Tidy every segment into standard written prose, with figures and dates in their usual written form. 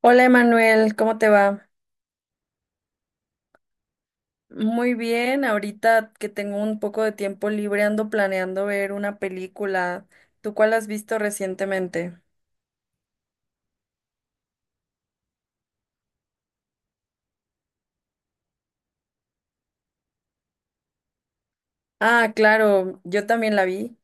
Hola Emanuel, ¿cómo te va? Muy bien, ahorita que tengo un poco de tiempo libre ando planeando ver una película. ¿Tú cuál has visto recientemente? Ah, claro, yo también la vi.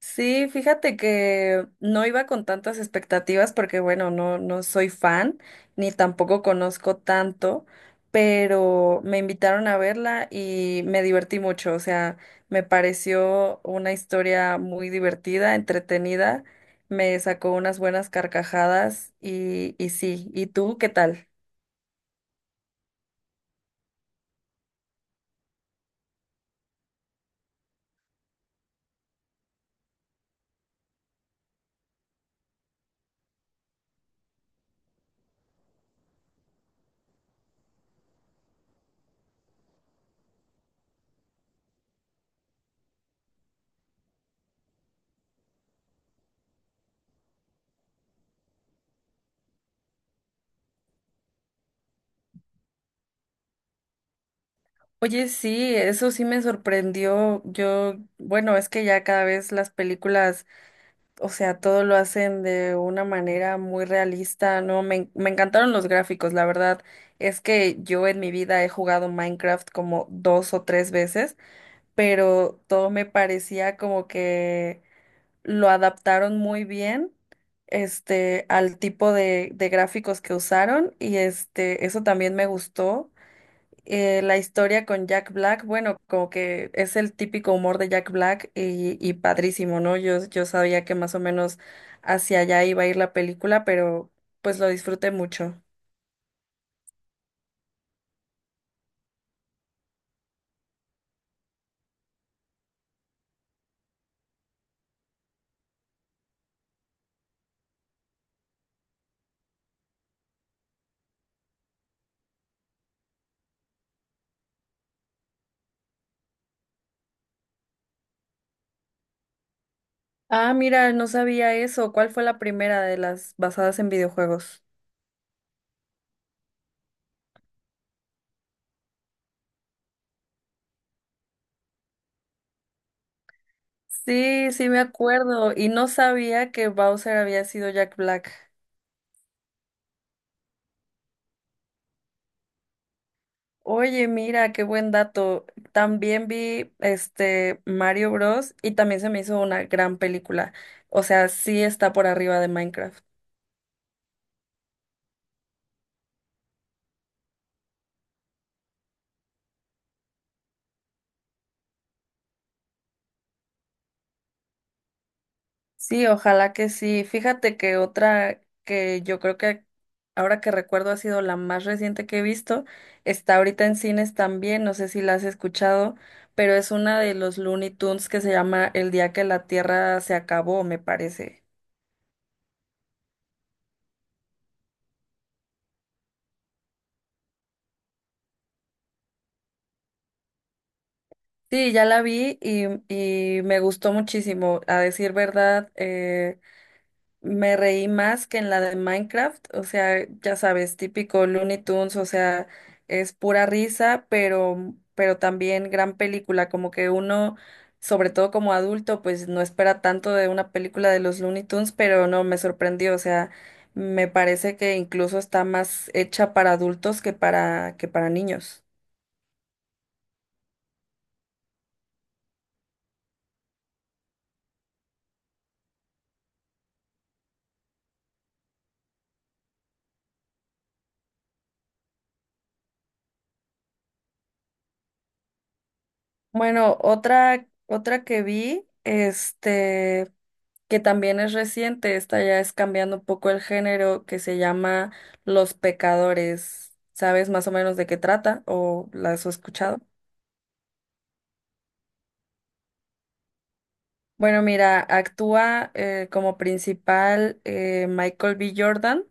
Sí, fíjate que no iba con tantas expectativas porque, bueno, no soy fan ni tampoco conozco tanto, pero me invitaron a verla y me divertí mucho. O sea, me pareció una historia muy divertida, entretenida, me sacó unas buenas carcajadas y sí. ¿Y tú qué tal? Oye, sí, eso sí me sorprendió. Yo, bueno, es que ya cada vez las películas, o sea, todo lo hacen de una manera muy realista, ¿no? Me encantaron los gráficos, la verdad es que yo en mi vida he jugado Minecraft como dos o tres veces, pero todo me parecía como que lo adaptaron muy bien, al tipo de gráficos que usaron y eso también me gustó, la historia con Jack Black, bueno, como que es el típico humor de Jack Black y padrísimo, ¿no? Yo sabía que más o menos hacia allá iba a ir la película, pero pues lo disfruté mucho. Ah, mira, no sabía eso. ¿Cuál fue la primera de las basadas en videojuegos? Sí, sí me acuerdo. Y no sabía que Bowser había sido Jack Black. Oye, mira, qué buen dato. También vi Mario Bros. Y también se me hizo una gran película. O sea, sí está por arriba de Minecraft. Sí, ojalá que sí. Fíjate que otra que yo creo que ahora que recuerdo ha sido la más reciente que he visto, está ahorita en cines también, no sé si la has escuchado, pero es una de los Looney Tunes que se llama El día que la Tierra se acabó, me parece. Sí, ya la vi y me gustó muchísimo. A decir verdad, me reí más que en la de Minecraft. O sea, ya sabes, típico Looney Tunes, o sea, es pura risa, pero también gran película. Como que uno, sobre todo como adulto, pues no espera tanto de una película de los Looney Tunes, pero no, me sorprendió. O sea, me parece que incluso está más hecha para adultos que que para niños. Bueno, otra que vi, que también es reciente, esta ya es cambiando un poco el género, que se llama Los Pecadores. ¿Sabes más o menos de qué trata o la has escuchado? Bueno, mira, actúa como principal Michael B. Jordan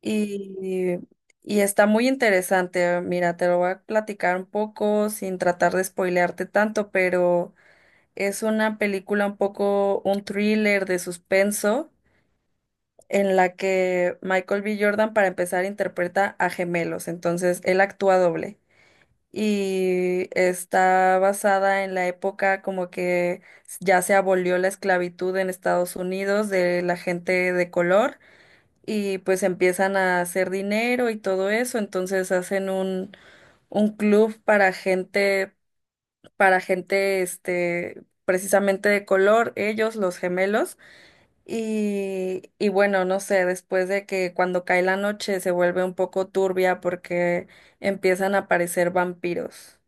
y, y está muy interesante. Mira, te lo voy a platicar un poco sin tratar de spoilearte tanto, pero es una película un poco un thriller de suspenso en la que Michael B. Jordan, para empezar, interpreta a gemelos, entonces él actúa doble. Y está basada en la época como que ya se abolió la esclavitud en Estados Unidos de la gente de color y pues empiezan a hacer dinero y todo eso, entonces hacen un club para gente precisamente de color, ellos, los gemelos. Y bueno, no sé, después de que cuando cae la noche se vuelve un poco turbia porque empiezan a aparecer vampiros.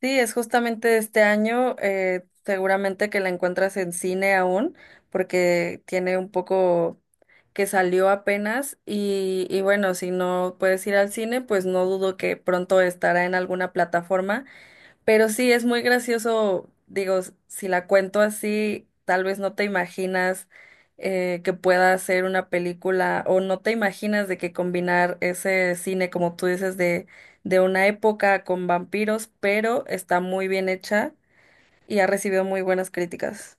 Sí, es justamente de este año, seguramente que la encuentras en cine aún, porque tiene un poco que salió apenas y bueno, si no puedes ir al cine, pues no dudo que pronto estará en alguna plataforma. Pero sí, es muy gracioso, digo, si la cuento así, tal vez no te imaginas que pueda ser una película o no te imaginas de que combinar ese cine, como tú dices, de una época con vampiros, pero está muy bien hecha y ha recibido muy buenas críticas.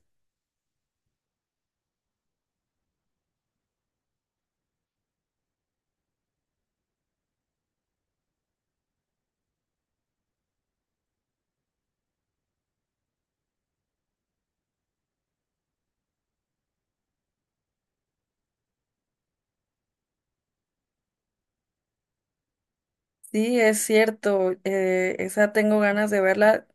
Sí, es cierto, esa tengo ganas de verla.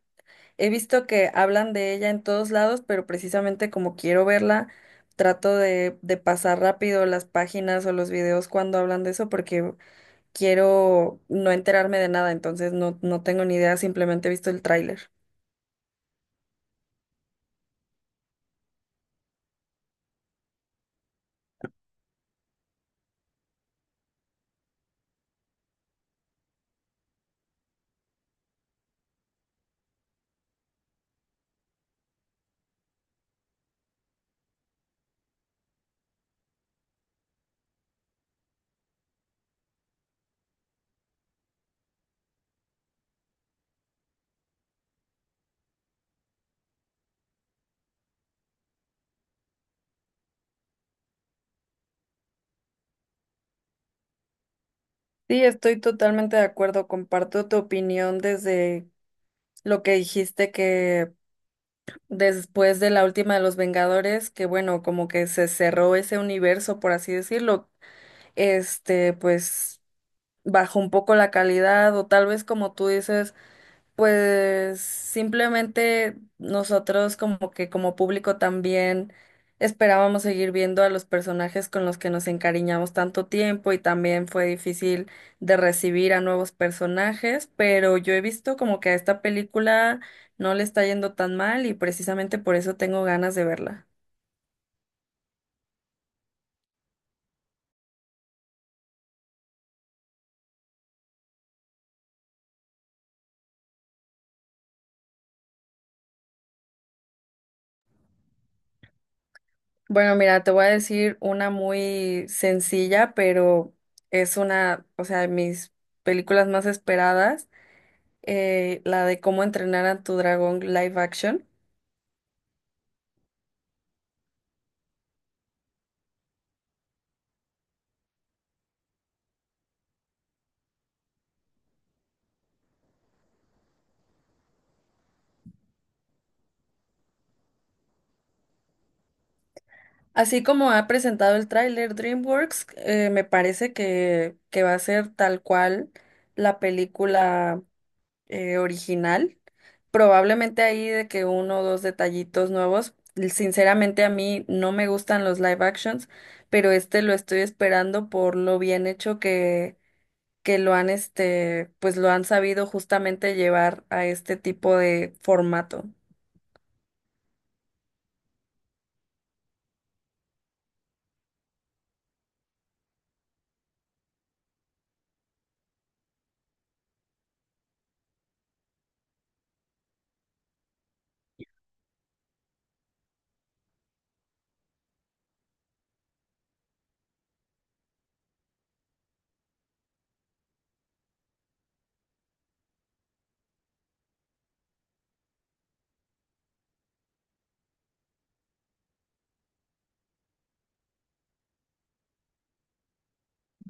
He visto que hablan de ella en todos lados, pero precisamente como quiero verla, trato de pasar rápido las páginas o los videos cuando hablan de eso porque quiero no enterarme de nada, entonces no tengo ni idea, simplemente he visto el tráiler. Sí, estoy totalmente de acuerdo, comparto tu opinión desde lo que dijiste que después de la última de los Vengadores, que bueno, como que se cerró ese universo, por así decirlo, este, pues... bajó un poco la calidad o tal vez como tú dices, pues simplemente nosotros como que como público también esperábamos seguir viendo a los personajes con los que nos encariñamos tanto tiempo y también fue difícil de recibir a nuevos personajes, pero yo he visto como que a esta película no le está yendo tan mal y precisamente por eso tengo ganas de verla. Bueno, mira, te voy a decir una muy sencilla, pero es una, o sea, de mis películas más esperadas, la de Cómo entrenar a tu dragón live action. Así como ha presentado el tráiler DreamWorks, me parece que va a ser tal cual la película original. Probablemente ahí de que uno o dos detallitos nuevos. Sinceramente a mí no me gustan los live actions, pero este lo estoy esperando por lo bien hecho que lo han, pues lo han sabido justamente llevar a este tipo de formato.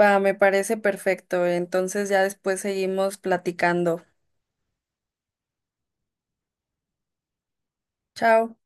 Va, me parece perfecto. Entonces ya después seguimos platicando. Chao.